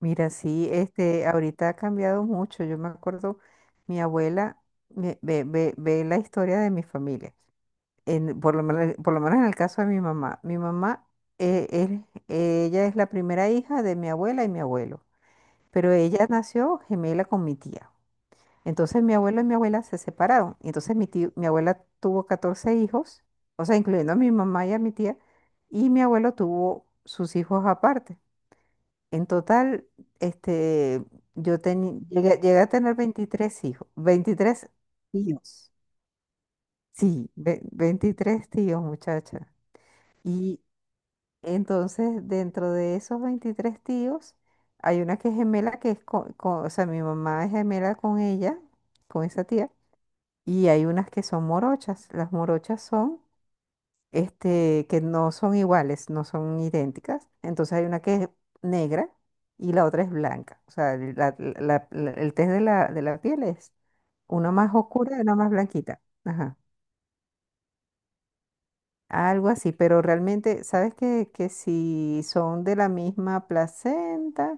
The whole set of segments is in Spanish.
Mira, sí, ahorita ha cambiado mucho. Yo me acuerdo, mi abuela ve la historia de mi familia, en, por lo menos en el caso de mi mamá. Mi mamá, eh, es- ella es la primera hija de mi abuela y mi abuelo, pero ella nació gemela con mi tía. Entonces mi abuelo y mi abuela se separaron. Y entonces mi abuela tuvo 14 hijos, o sea, incluyendo a mi mamá y a mi tía, y mi abuelo tuvo sus hijos aparte. En total, este, llegué a tener 23 hijos, 23 tíos. Sí, 23 tíos, muchacha. Y entonces, dentro de esos 23 tíos, hay una que es gemela, que es con- o sea, mi mamá es gemela con ella, con esa tía, y hay unas que son morochas. Las morochas son que no son iguales, no son idénticas. Entonces hay una que es negra y la otra es blanca. O sea, el test de la piel es una más oscura y una más blanquita. Ajá. Algo así, pero realmente, ¿sabes que si son de la misma placenta?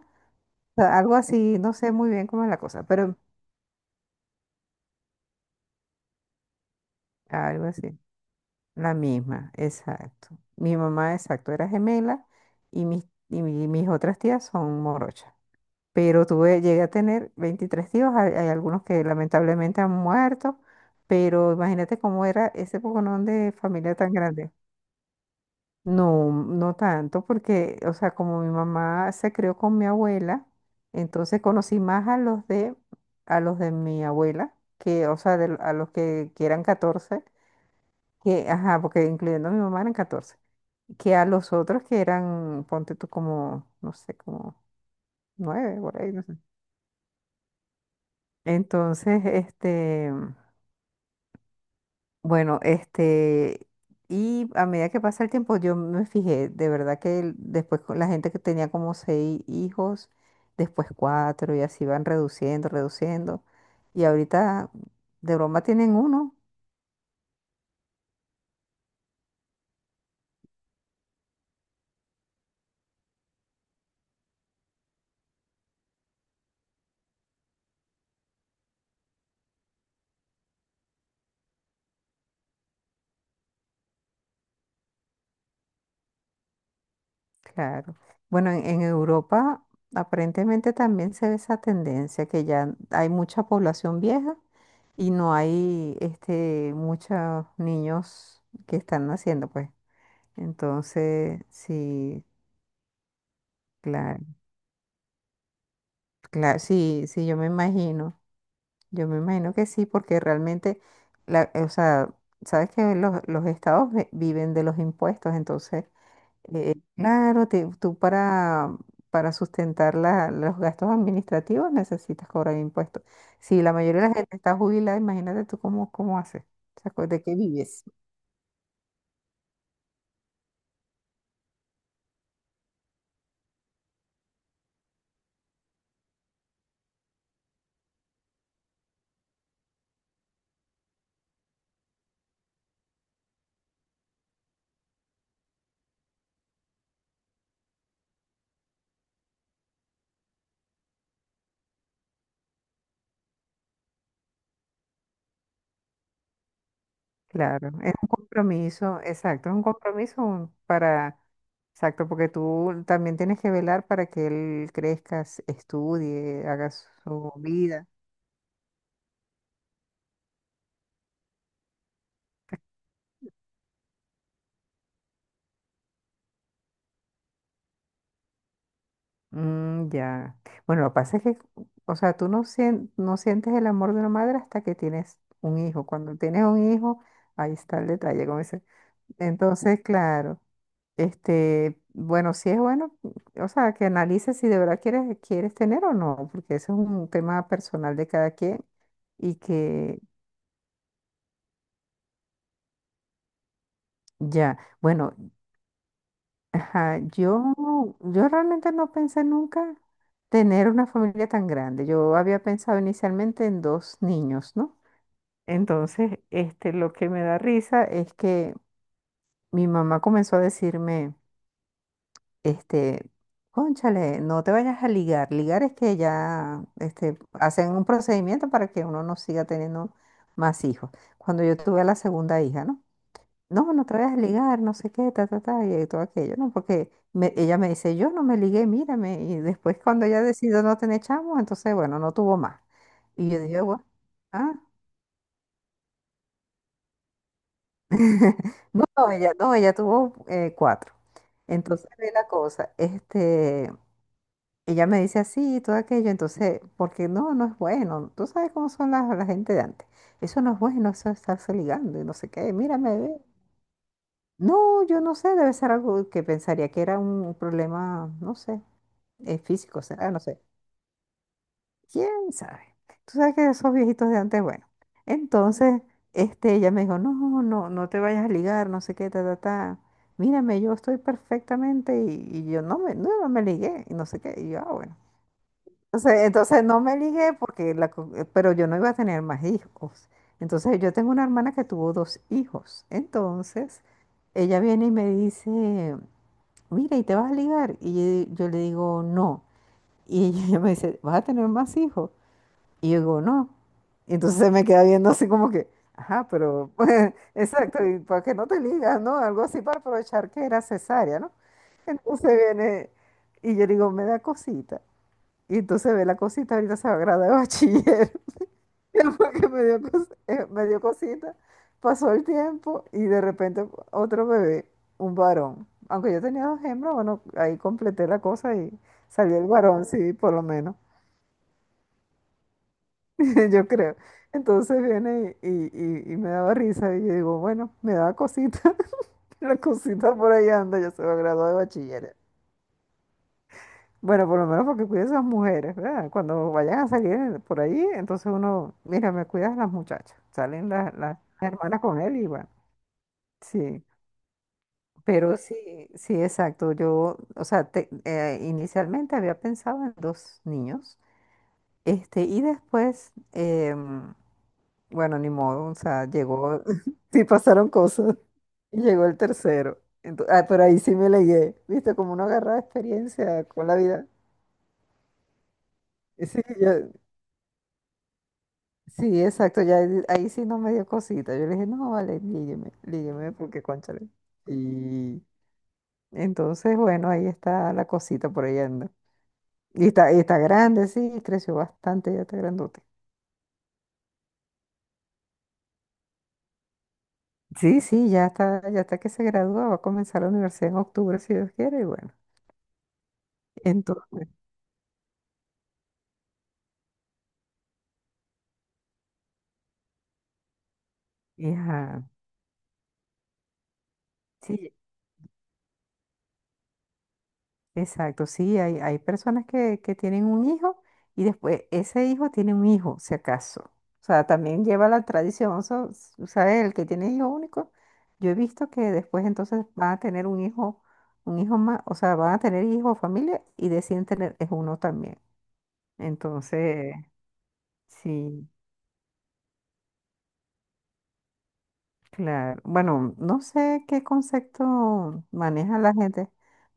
O sea, algo así, no sé muy bien cómo es la cosa, pero algo así. La misma, exacto. Mi mamá, exacto, era gemela mis otras tías son morochas. Pero llegué a tener 23 tíos, hay algunos que lamentablemente han muerto, pero imagínate cómo era ese poconón de familia tan grande. No, no tanto, porque, o sea, como mi mamá se crió con mi abuela, entonces conocí más a los de mi abuela, que, o sea, a los que que, eran 14, ajá, porque incluyendo a mi mamá eran 14, que a los otros que eran, ponte tú como, no sé, como nueve por ahí, no sé. Entonces, bueno, este, y a medida que pasa el tiempo, yo me fijé, de verdad que después con la gente que tenía como seis hijos, después cuatro, y así van reduciendo, reduciendo. Y ahorita, de broma, tienen uno, claro. Bueno, en Europa aparentemente también se ve esa tendencia, que ya hay mucha población vieja y no hay, muchos niños que están naciendo, pues. Entonces, sí, claro, claro, sí, sí, yo me imagino que sí, porque realmente, o sea, sabes que los estados viven de los impuestos, entonces, claro, tú para sustentar los gastos administrativos necesitas cobrar impuestos. Si la mayoría de la gente está jubilada, imagínate tú cómo haces, o sea, ¿de qué vives? Claro, es un compromiso, exacto, es un compromiso para, exacto, porque tú también tienes que velar para que él crezca, estudie, haga su vida. Mm, ya. Bueno, lo que pasa es que, o sea, tú no, sien- no sientes el amor de una madre hasta que tienes un hijo. Cuando tienes un hijo, ahí está el detalle, como. Entonces, claro, bueno, sí es bueno, o sea, que analices si de verdad quieres tener o no, porque eso es un tema personal de cada quien y que ya, bueno, ajá, yo realmente no pensé nunca tener una familia tan grande. Yo había pensado inicialmente en dos niños, ¿no? Entonces, lo que me da risa es que mi mamá comenzó a decirme, Este, cónchale, no te vayas a ligar. Ligar es que ya hacen un procedimiento para que uno no siga teniendo más hijos. Cuando yo tuve a la segunda hija, ¿no? No, no te vayas a ligar, no sé qué, ta, ta, ta, y todo aquello, ¿no? Ella me dice, yo no me ligué, mírame. Y después cuando ella decidió no tener chamos, entonces, bueno, no tuvo más. Y yo dije, bueno, ah, no, ella, no, ella tuvo cuatro. Entonces, ve la cosa, ella me dice así y todo aquello, entonces, porque no, no es bueno. Tú sabes cómo son gente de antes. Eso no es bueno, eso es estarse ligando y no sé qué. Mírame, ve. No, yo no sé, debe ser algo que pensaría que era un problema, no sé, físico, será, no sé. ¿Quién sabe? Tú sabes que esos viejitos de antes, bueno. Entonces, ella me dijo, no, no, no te vayas a ligar, no sé qué, ta, ta, ta. Mírame, yo estoy perfectamente y yo no me ligué y no sé qué. Y yo, ah, bueno. Entonces no me ligué porque pero yo no iba a tener más hijos. Entonces yo tengo una hermana que tuvo dos hijos. Entonces ella viene y me dice, mira, ¿y te vas a ligar? Y yo le digo, no. Y ella me dice, ¿vas a tener más hijos? Y yo digo, no. Y entonces se me queda viendo así como que, ajá, pero exacto, ¿y para qué no te ligas, no? Algo así para aprovechar que era cesárea, ¿no? Entonces viene y yo digo, me da cosita. Y entonces ve la cosita, ahorita se va a graduar de bachiller. Y porque me dio, me dio cosita. Pasó el tiempo y de repente otro bebé, un varón. Aunque yo tenía dos hembras, bueno, ahí completé la cosa y salió el varón, sí, por lo menos. Yo creo. Entonces viene y me daba risa y yo digo, bueno, me daba cosita. La cosita por ahí anda, ya se va a graduar de bachiller. Bueno, por lo menos porque cuides a esas mujeres, ¿verdad? Cuando vayan a salir por ahí, entonces uno, mira, me cuidas las muchachas. Salen las hermanas con él y bueno, sí. Pero sí, sí, exacto. Yo, o sea, inicialmente había pensado en dos niños, y después, bueno, ni modo, o sea, llegó, sí pasaron cosas, y llegó el tercero. Ah, pero ahí sí me leí, ¿viste? Como uno agarra experiencia con la vida. Sí, yo, sí, exacto, ya ahí, ahí sí no me dio cosita. Yo le dije, no, vale, lígueme, lígueme, porque cónchale. Y entonces, bueno, ahí está la cosita por ahí anda. Y está grande, sí, creció bastante, ya está grandote. Sí, sí, ya está que se gradúa, va a comenzar la universidad en octubre, si Dios quiere, y bueno. Entonces, hija, sí. Exacto, sí, hay personas que tienen un hijo y después ese hijo tiene un hijo, si acaso. O sea, también lleva la tradición, ¿sabes? El que tiene hijo único, yo he visto que después entonces van a tener un hijo más, o sea, van a tener hijo o familia y deciden tener es uno también. Entonces, sí. Claro, bueno, no sé qué concepto maneja la gente,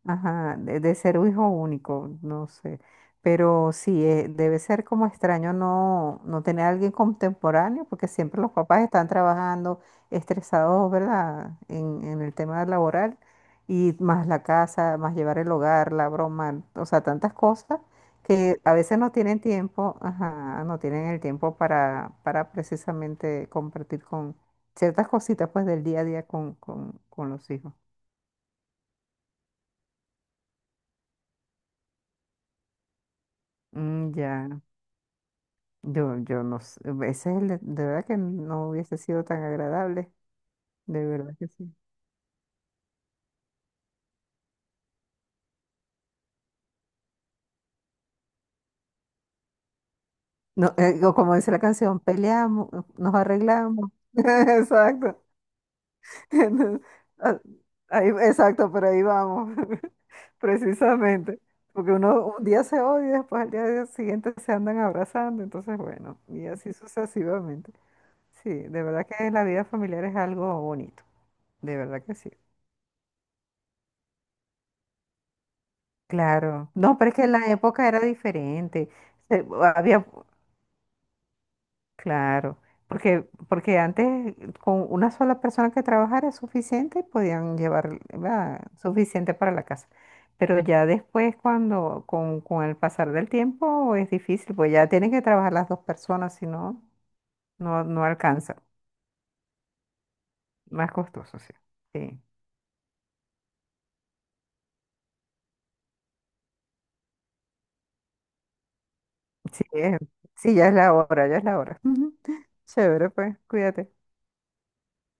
ajá, de ser un hijo único, no sé, pero sí, debe ser como extraño no, no tener a alguien contemporáneo, porque siempre los papás están trabajando estresados, ¿verdad? En el tema laboral, y más la casa, más llevar el hogar, la broma, o sea, tantas cosas que a veces no tienen tiempo, ajá, no tienen el tiempo para precisamente compartir ciertas cositas pues del día a día con los hijos. Mm, ya, yo no sé, ese es el, de verdad que no hubiese sido tan agradable, de verdad que sí. No, o como dice la canción, peleamos, nos arreglamos. Exacto. Entonces, ah, ahí- exacto, pero ahí vamos, precisamente. Porque uno un día se odia y después al día siguiente se andan abrazando, entonces bueno, y así sucesivamente. Sí, de verdad que la vida familiar es algo bonito. De verdad que sí. Claro. No, pero es que la época era diferente. Se- había, claro, porque antes con una sola persona que trabajara es suficiente y podían llevar, ¿verdad?, suficiente para la casa. Pero ya después, cuando, con el pasar del tiempo, es difícil, pues ya tienen que trabajar las dos personas, si no, no alcanza. Más costoso, sí. Sí, sí, sí, ya es la hora, ya es la hora. Chévere, pues, cuídate.